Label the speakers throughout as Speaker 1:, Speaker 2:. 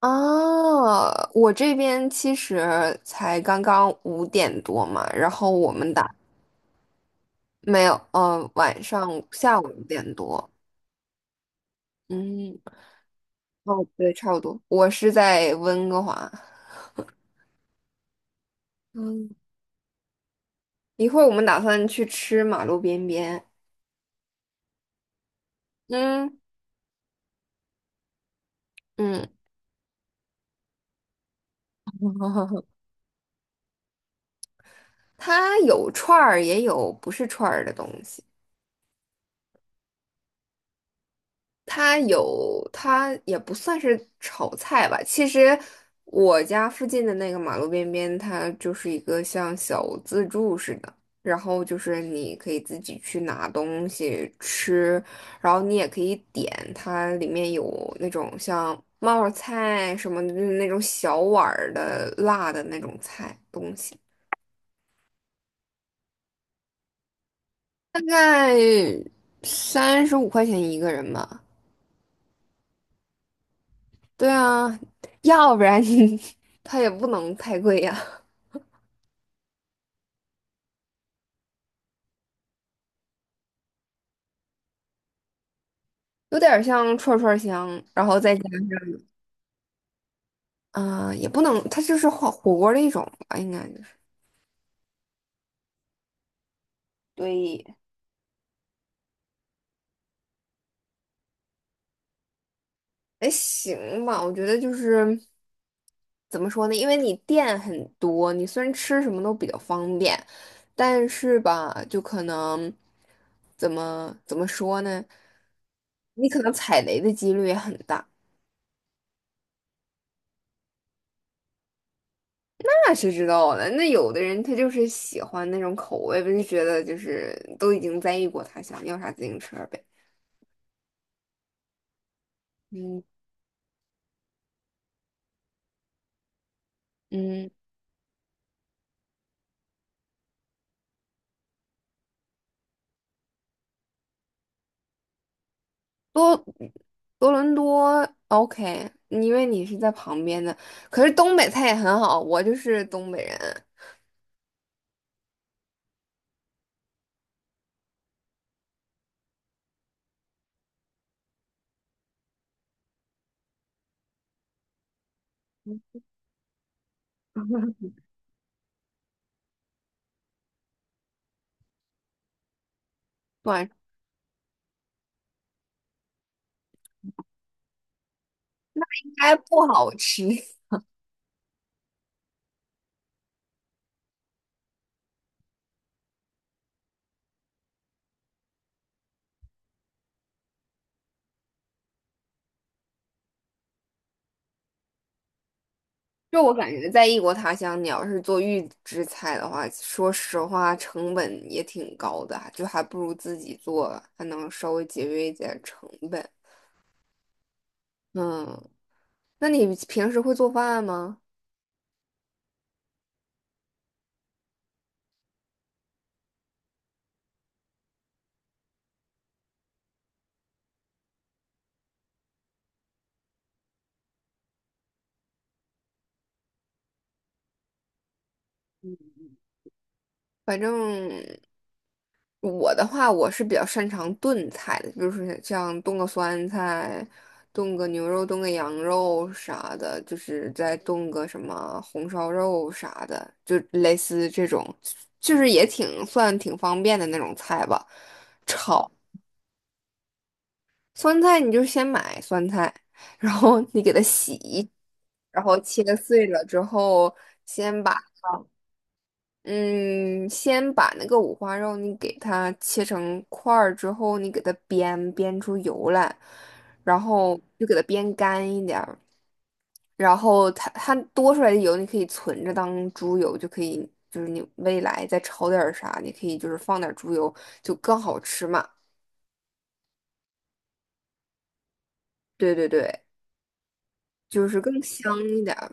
Speaker 1: 哦，我这边其实才刚刚五点多嘛，然后我们打，没有，晚上下午五点多。嗯，哦，对，差不多。我是在温哥华。嗯，一会儿我们打算去吃马路边边。嗯嗯。它有串儿，也有不是串儿的东西。它也不算是炒菜吧。其实我家附近的那个马路边边，它就是一个像小自助似的，然后就是你可以自己去拿东西吃，然后你也可以点，它里面有那种像冒泡菜什么的，就是那种小碗儿的辣的那种菜东西，大概35块钱一个人吧。对啊，要不然你 它也不能太贵呀、有点儿像串串香，然后再加上，啊、也不能，它就是火锅的一种吧，应该就是，对，哎，行吧，我觉得就是怎么说呢，因为你店很多，你虽然吃什么都比较方便，但是吧，就可能怎么说呢，你可能踩雷的几率也很大。那谁知道呢？那有的人他就是喜欢那种口味不就觉得就是都已经在异国他乡，要啥自行车呗。嗯嗯，多多伦多 OK，因为你是在旁边的，可是东北菜也很好，我就是东北人，短应该不好吃。就我感觉，在异国他乡，你要是做预制菜的话，说实话成本也挺高的，就还不如自己做，还能稍微节约一点成本。嗯。那你平时会做饭吗？反正我的话，我是比较擅长炖菜的，比如说像炖个酸菜、炖个牛肉、炖个羊肉啥的，就是再炖个什么红烧肉啥的，就类似这种，就是也挺算挺方便的那种菜吧。炒酸菜，你就先买酸菜，然后你给它洗，然后切碎了之后。先把。嗯，先把那个五花肉你给它切成块儿之后，你给它煸煸出油来，然后就给它煸干一点儿，然后它多出来的油你可以存着当猪油，就可以就是你未来再炒点儿啥，你可以就是放点儿猪油就更好吃嘛。对对对，就是更香一点儿。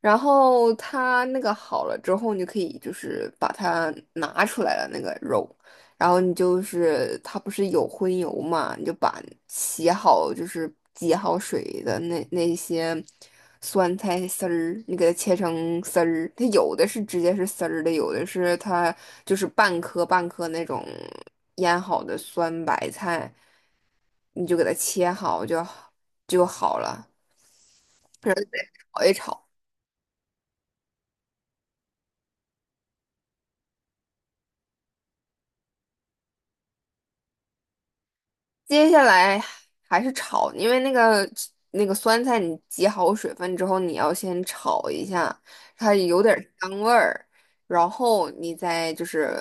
Speaker 1: 然后它那个好了之后，你就可以就是把它拿出来了那个肉，然后你就是它不是有荤油嘛，你就把洗好就是挤好水的那些酸菜丝儿，你给它切成丝儿，它有的是直接是丝儿的，有的是它就是半颗半颗那种腌好的酸白菜，你就给它切好就就好了，然后炒一炒。接下来还是炒，因为那个那个酸菜，你挤好水分之后，你要先炒一下，它有点儿香味儿，然后你再就是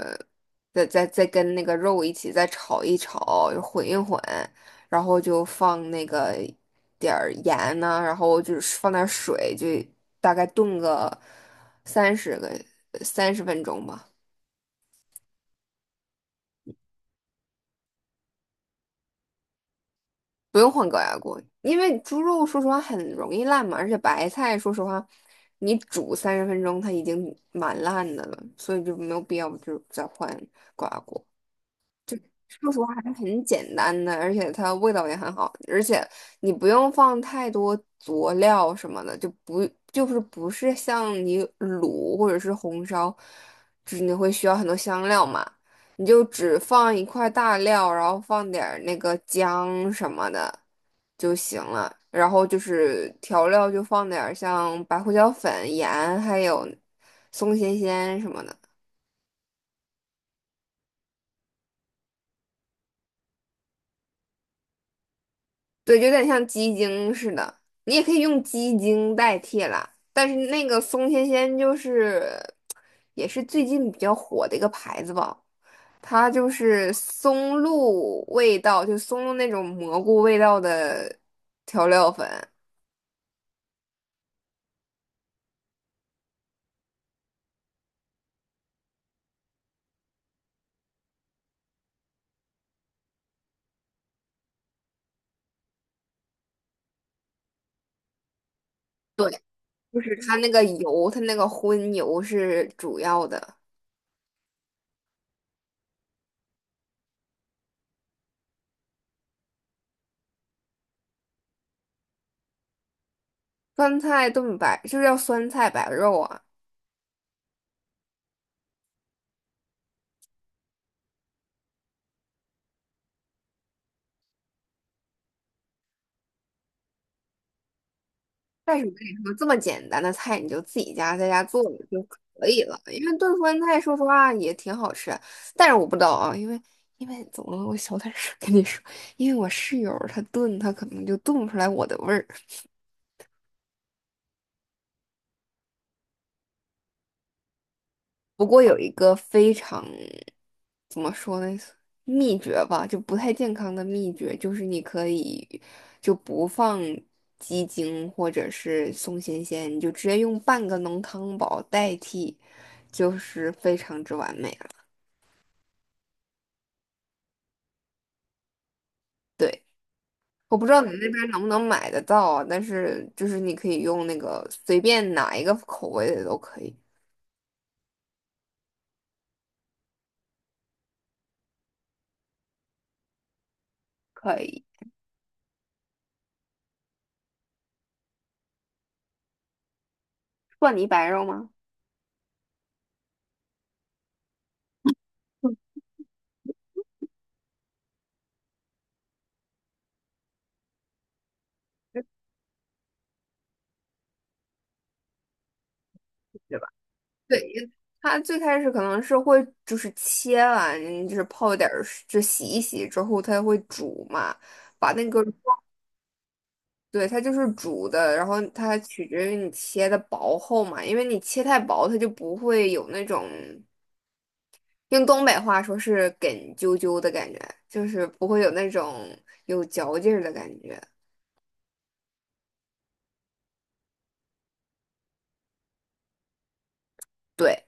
Speaker 1: 再跟那个肉一起再炒一炒，混一混，然后就放那个点儿盐呐、然后就是放点儿水，就大概炖个三十个三十分钟吧。不用换高压锅，因为猪肉说实话很容易烂嘛，而且白菜说实话，你煮三十分钟它已经蛮烂的了，所以就没有必要就再换高压锅。说实话还是很简单的，而且它味道也很好，而且你不用放太多佐料什么的，就不是像你卤或者是红烧，就是你会需要很多香料嘛，你就只放一块大料，然后放点儿那个姜什么的就行了，然后就是调料就放点儿像白胡椒粉、盐，还有松鲜鲜什么的。对，有点像鸡精似的，你也可以用鸡精代替啦。但是那个松鲜鲜就是也是最近比较火的一个牌子吧，它就是松露味道，就松露那种蘑菇味道的调料粉，就是它那个油，它那个荤油是主要的。酸菜炖白就是要酸菜白肉啊。但是我跟你说，这么简单的菜你就自己家在家做了就可以了，因为炖酸菜说实话也挺好吃，但是我不知道啊，因为怎么了？我小点声跟你说，因为我室友她炖，她可能就炖不出来我的味儿。不过有一个非常怎么说呢，秘诀吧，就不太健康的秘诀，就是你可以就不放鸡精或者是松鲜鲜，你就直接用半个浓汤宝代替，就是非常之完美。对，我不知道你们那边能不能买得到啊，但是就是你可以用那个随便哪一个口味的都可以。可以。蒜泥白肉吗？对吧？对，它最开始可能是会就是切完，就是泡一点儿水，就洗一洗之后，它会煮嘛，把那个，对，它就是煮的，然后它取决于你切的薄厚嘛，因为你切太薄，它就不会有那种。用东北话说是“梗啾啾”的感觉，就是不会有那种有嚼劲儿的感觉。对，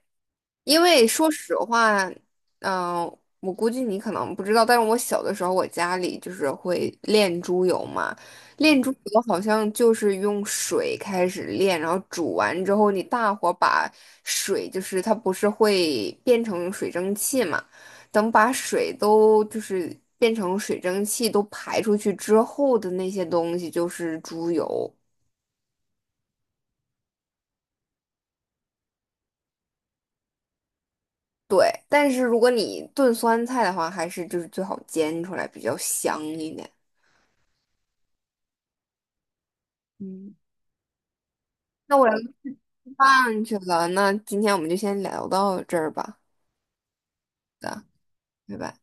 Speaker 1: 因为说实话，嗯、我估计你可能不知道，但是我小的时候，我家里就是会炼猪油嘛。炼猪油好像就是用水开始炼，然后煮完之后，你大火把水，就是它不是会变成水蒸气嘛？等把水都就是变成水蒸气都排出去之后的那些东西，就是猪油。对，但是如果你炖酸菜的话，还是就是最好煎出来比较香一点。嗯，那我要吃饭去了，那今天我们就先聊到这儿吧，的，拜拜。